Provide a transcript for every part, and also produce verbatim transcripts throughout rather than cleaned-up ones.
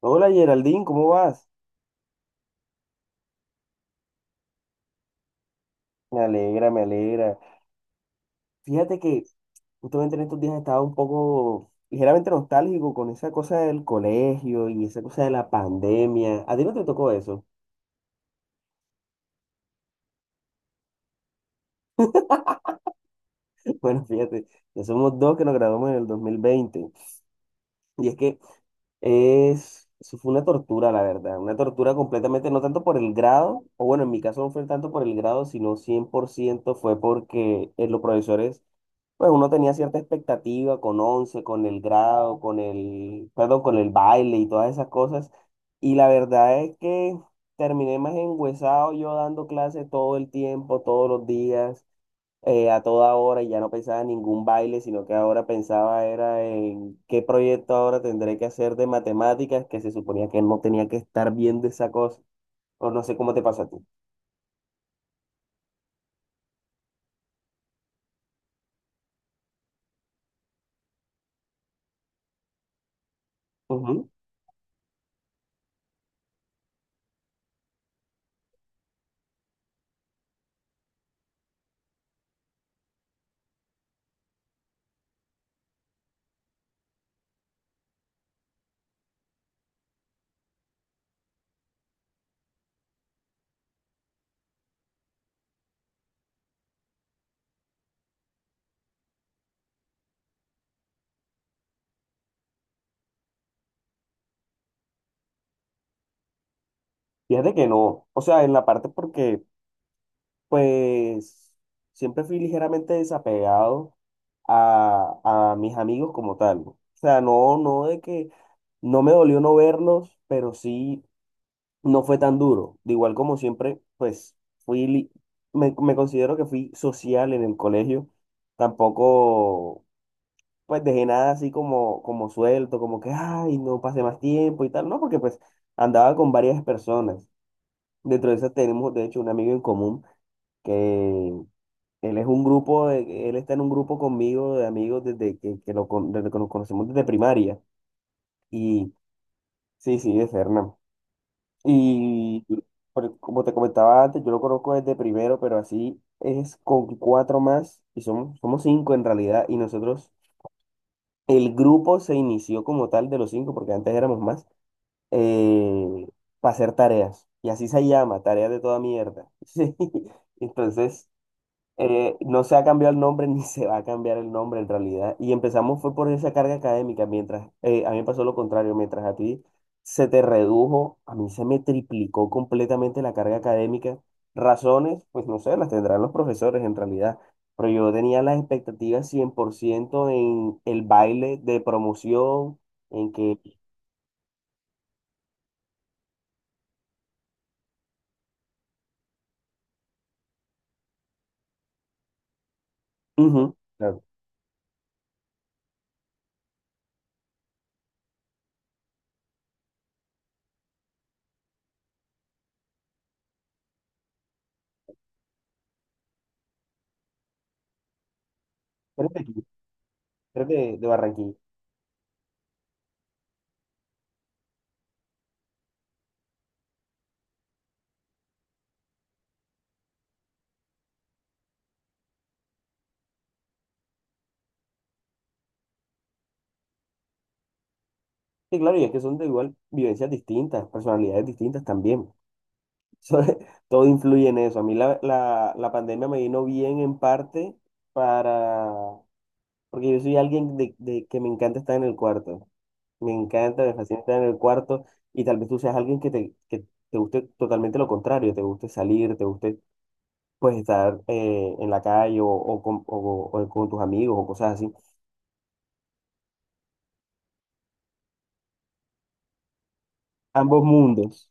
Hola Geraldine, ¿cómo vas? Me alegra, me alegra. Fíjate que justamente en estos días estaba un poco ligeramente nostálgico con esa cosa del colegio y esa cosa de la pandemia. ¿A ti no te tocó eso? Bueno, fíjate, ya somos dos que nos graduamos en el dos mil veinte. Y es que es, eso fue una tortura, la verdad. Una tortura completamente, no tanto por el grado, o bueno, en mi caso no fue tanto por el grado, sino cien por ciento fue porque eh, los profesores. Pues uno tenía cierta expectativa con once, con el grado, con el, perdón, con el baile y todas esas cosas. Y la verdad es que terminé más enguesado yo dando clases todo el tiempo, todos los días, eh, a toda hora, y ya no pensaba en ningún baile, sino que ahora pensaba era en qué proyecto ahora tendré que hacer de matemáticas, que se suponía que no tenía que estar viendo esa cosa, o no sé cómo te pasa a ti. Ujú. Fíjate que no, o sea, en la parte porque, pues, siempre fui ligeramente desapegado a, a mis amigos como tal, ¿no? O sea, no, no de que no me dolió no verlos, pero sí no fue tan duro. De igual como siempre, pues fui, li- me, me considero que fui social en el colegio. Tampoco, pues, dejé nada así como, como suelto, como que, ay, no pasé más tiempo y tal. No, porque pues andaba con varias personas. Dentro de esas tenemos, de hecho, un amigo en común que él es un grupo, de- él está en un grupo conmigo de amigos desde que, que lo, con- desde que nos conocemos desde primaria. Y sí, sí, de Fernán. Y por- como te comentaba antes, yo lo conozco desde primero, pero así es con cuatro más y somos, somos, cinco en realidad. Y nosotros, el grupo se inició como tal de los cinco, porque antes éramos más, eh, para hacer tareas. Y así se llama, tareas de toda mierda. Sí. Entonces... Eh, no se ha cambiado el nombre ni se va a cambiar el nombre en realidad. Y empezamos fue por esa carga académica, mientras eh, a mí me pasó lo contrario, mientras a ti se te redujo, a mí se me triplicó completamente la carga académica. Razones, pues no sé, las tendrán los profesores en realidad, pero yo tenía las expectativas cien por ciento en el baile de promoción, en que... Ujú, claro. Pero de aquí, pero de, de Barranquilla. Sí, claro, y es que son de igual vivencias distintas, personalidades distintas también. Todo influye en eso. A mí la, la, la pandemia me vino bien en parte para, porque yo soy alguien de, de que me encanta estar en el cuarto. Me encanta, me fascina estar en el cuarto y tal vez tú seas alguien que te, que te, guste totalmente lo contrario, te guste salir, te guste pues estar eh, en la calle o, o con, o- o con tus amigos o cosas así. Ambos mundos,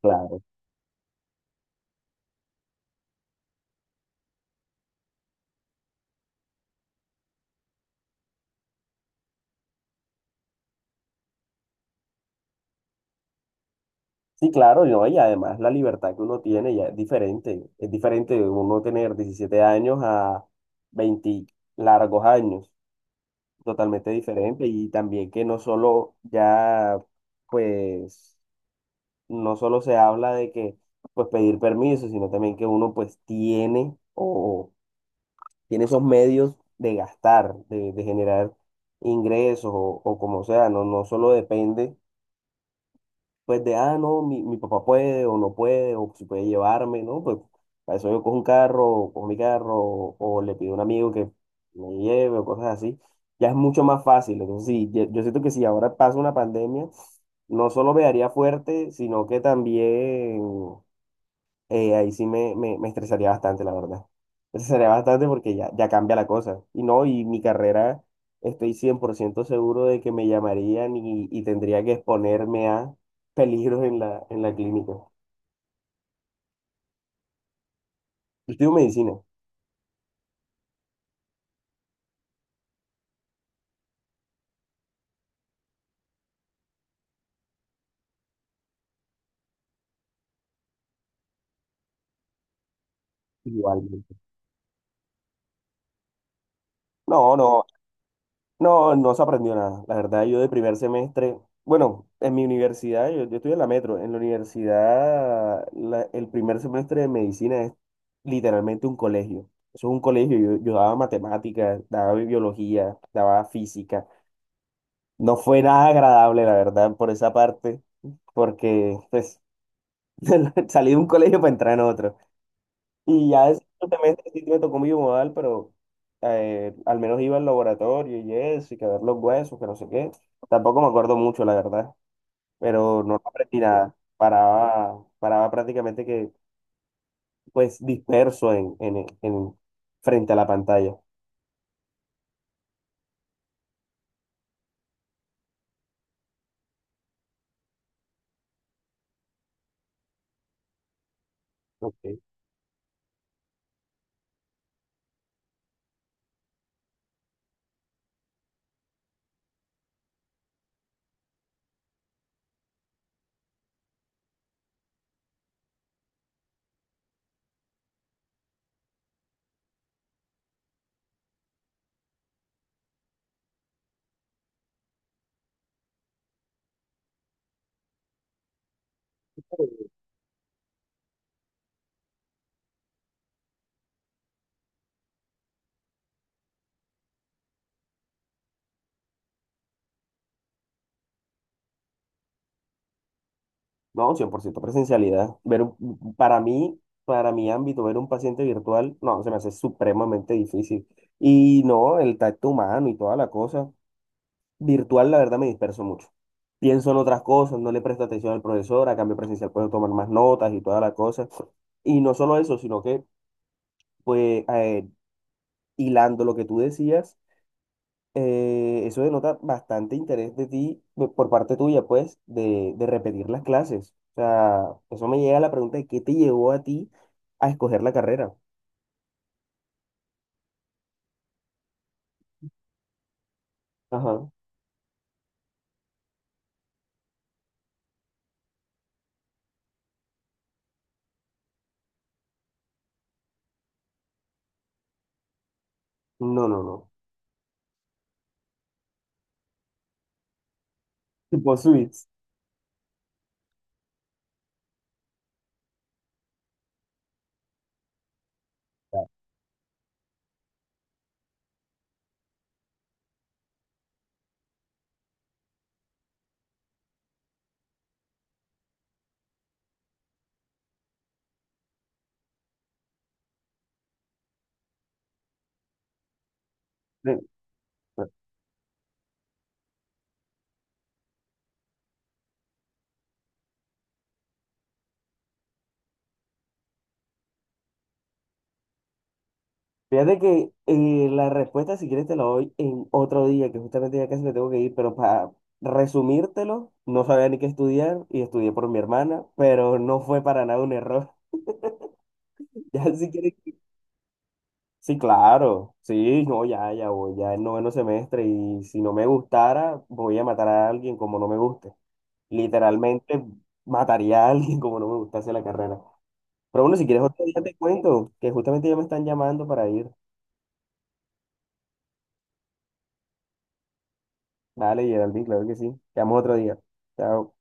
claro. Sí, claro, no, y además la libertad que uno tiene ya es diferente. Es diferente uno tener diecisiete años a veinte largos años, totalmente diferente. Y también que no solo ya, pues, no solo se habla de que, pues, pedir permiso, sino también que uno, pues, tiene o tiene esos medios de gastar, de, de generar ingresos o, o como sea, no, no solo depende pues de, ah, no, mi, mi papá puede o no puede, o si puede llevarme, ¿no? Pues para eso yo cojo un carro, cojo mi carro, o, o le pido a un amigo que me lleve, o cosas así. Ya es mucho más fácil. Entonces, sí, ye- yo siento que si ahora pasa una pandemia, no solo me daría fuerte, sino que también eh, ahí sí me, me, me, estresaría bastante, la verdad. Me estresaría bastante porque ya, ya cambia la cosa. Y no, y mi carrera, estoy cien por ciento seguro de que me llamarían y, y tendría que exponerme a peligros en la, en la, clínica. Yo estudio medicina. Igualmente. No, no, no, no se aprendió nada. La verdad, yo de primer semestre, bueno, en mi universidad, yo, yo, estudié en la Metro, en la universidad, la- el primer semestre de medicina literalmente un colegio. Eso es un colegio, yo, yo daba matemáticas, daba biología, daba física. No fue nada agradable, la verdad, por esa parte, porque pues salí de un colegio para entrar en otro. Y ya ese semestre sí me tocó mi modal, pero eh, al menos iba al laboratorio y eso, y que a ver los huesos, que no sé qué. Tampoco me acuerdo mucho, la verdad, pero no aprendí nada. Paraba, paraba prácticamente que, pues, disperso en, en, en, frente a la pantalla. Ok. No, cien por ciento presencialidad. Ver un- para mí, para mi ámbito, ver un paciente virtual, no, se me hace supremamente difícil. Y no, el tacto humano y toda la cosa. Virtual, la verdad, me disperso mucho. Pienso en otras cosas, no le presto atención al profesor, a cambio presencial puedo tomar más notas y toda la cosa. Y no solo eso, sino que, pues, eh, hilando lo que tú decías. eh, eso denota bastante interés de ti, de- por parte tuya, pues, de, de repetir las clases. O sea, eso me llega a la pregunta de qué te llevó a ti a escoger la carrera. Ajá. No, no, no. Tipo suites. Eh, Fíjate que eh, la respuesta, si quieres, te la doy en otro día, que justamente ya casi me tengo que ir, pero para resumírtelo, no sabía ni qué estudiar y estudié por mi hermana, pero no fue para nada un error. Ya si quieres. Sí, claro, sí, no, ya, ya, voy, ya el noveno semestre y si no me gustara, voy a matar a alguien como no me guste. Literalmente mataría a alguien como no me gustase la carrera. Pero bueno, si quieres otro día te cuento, que justamente ya me están llamando para ir. Dale, Geraldine, claro que sí. Te llamo otro día. Chao.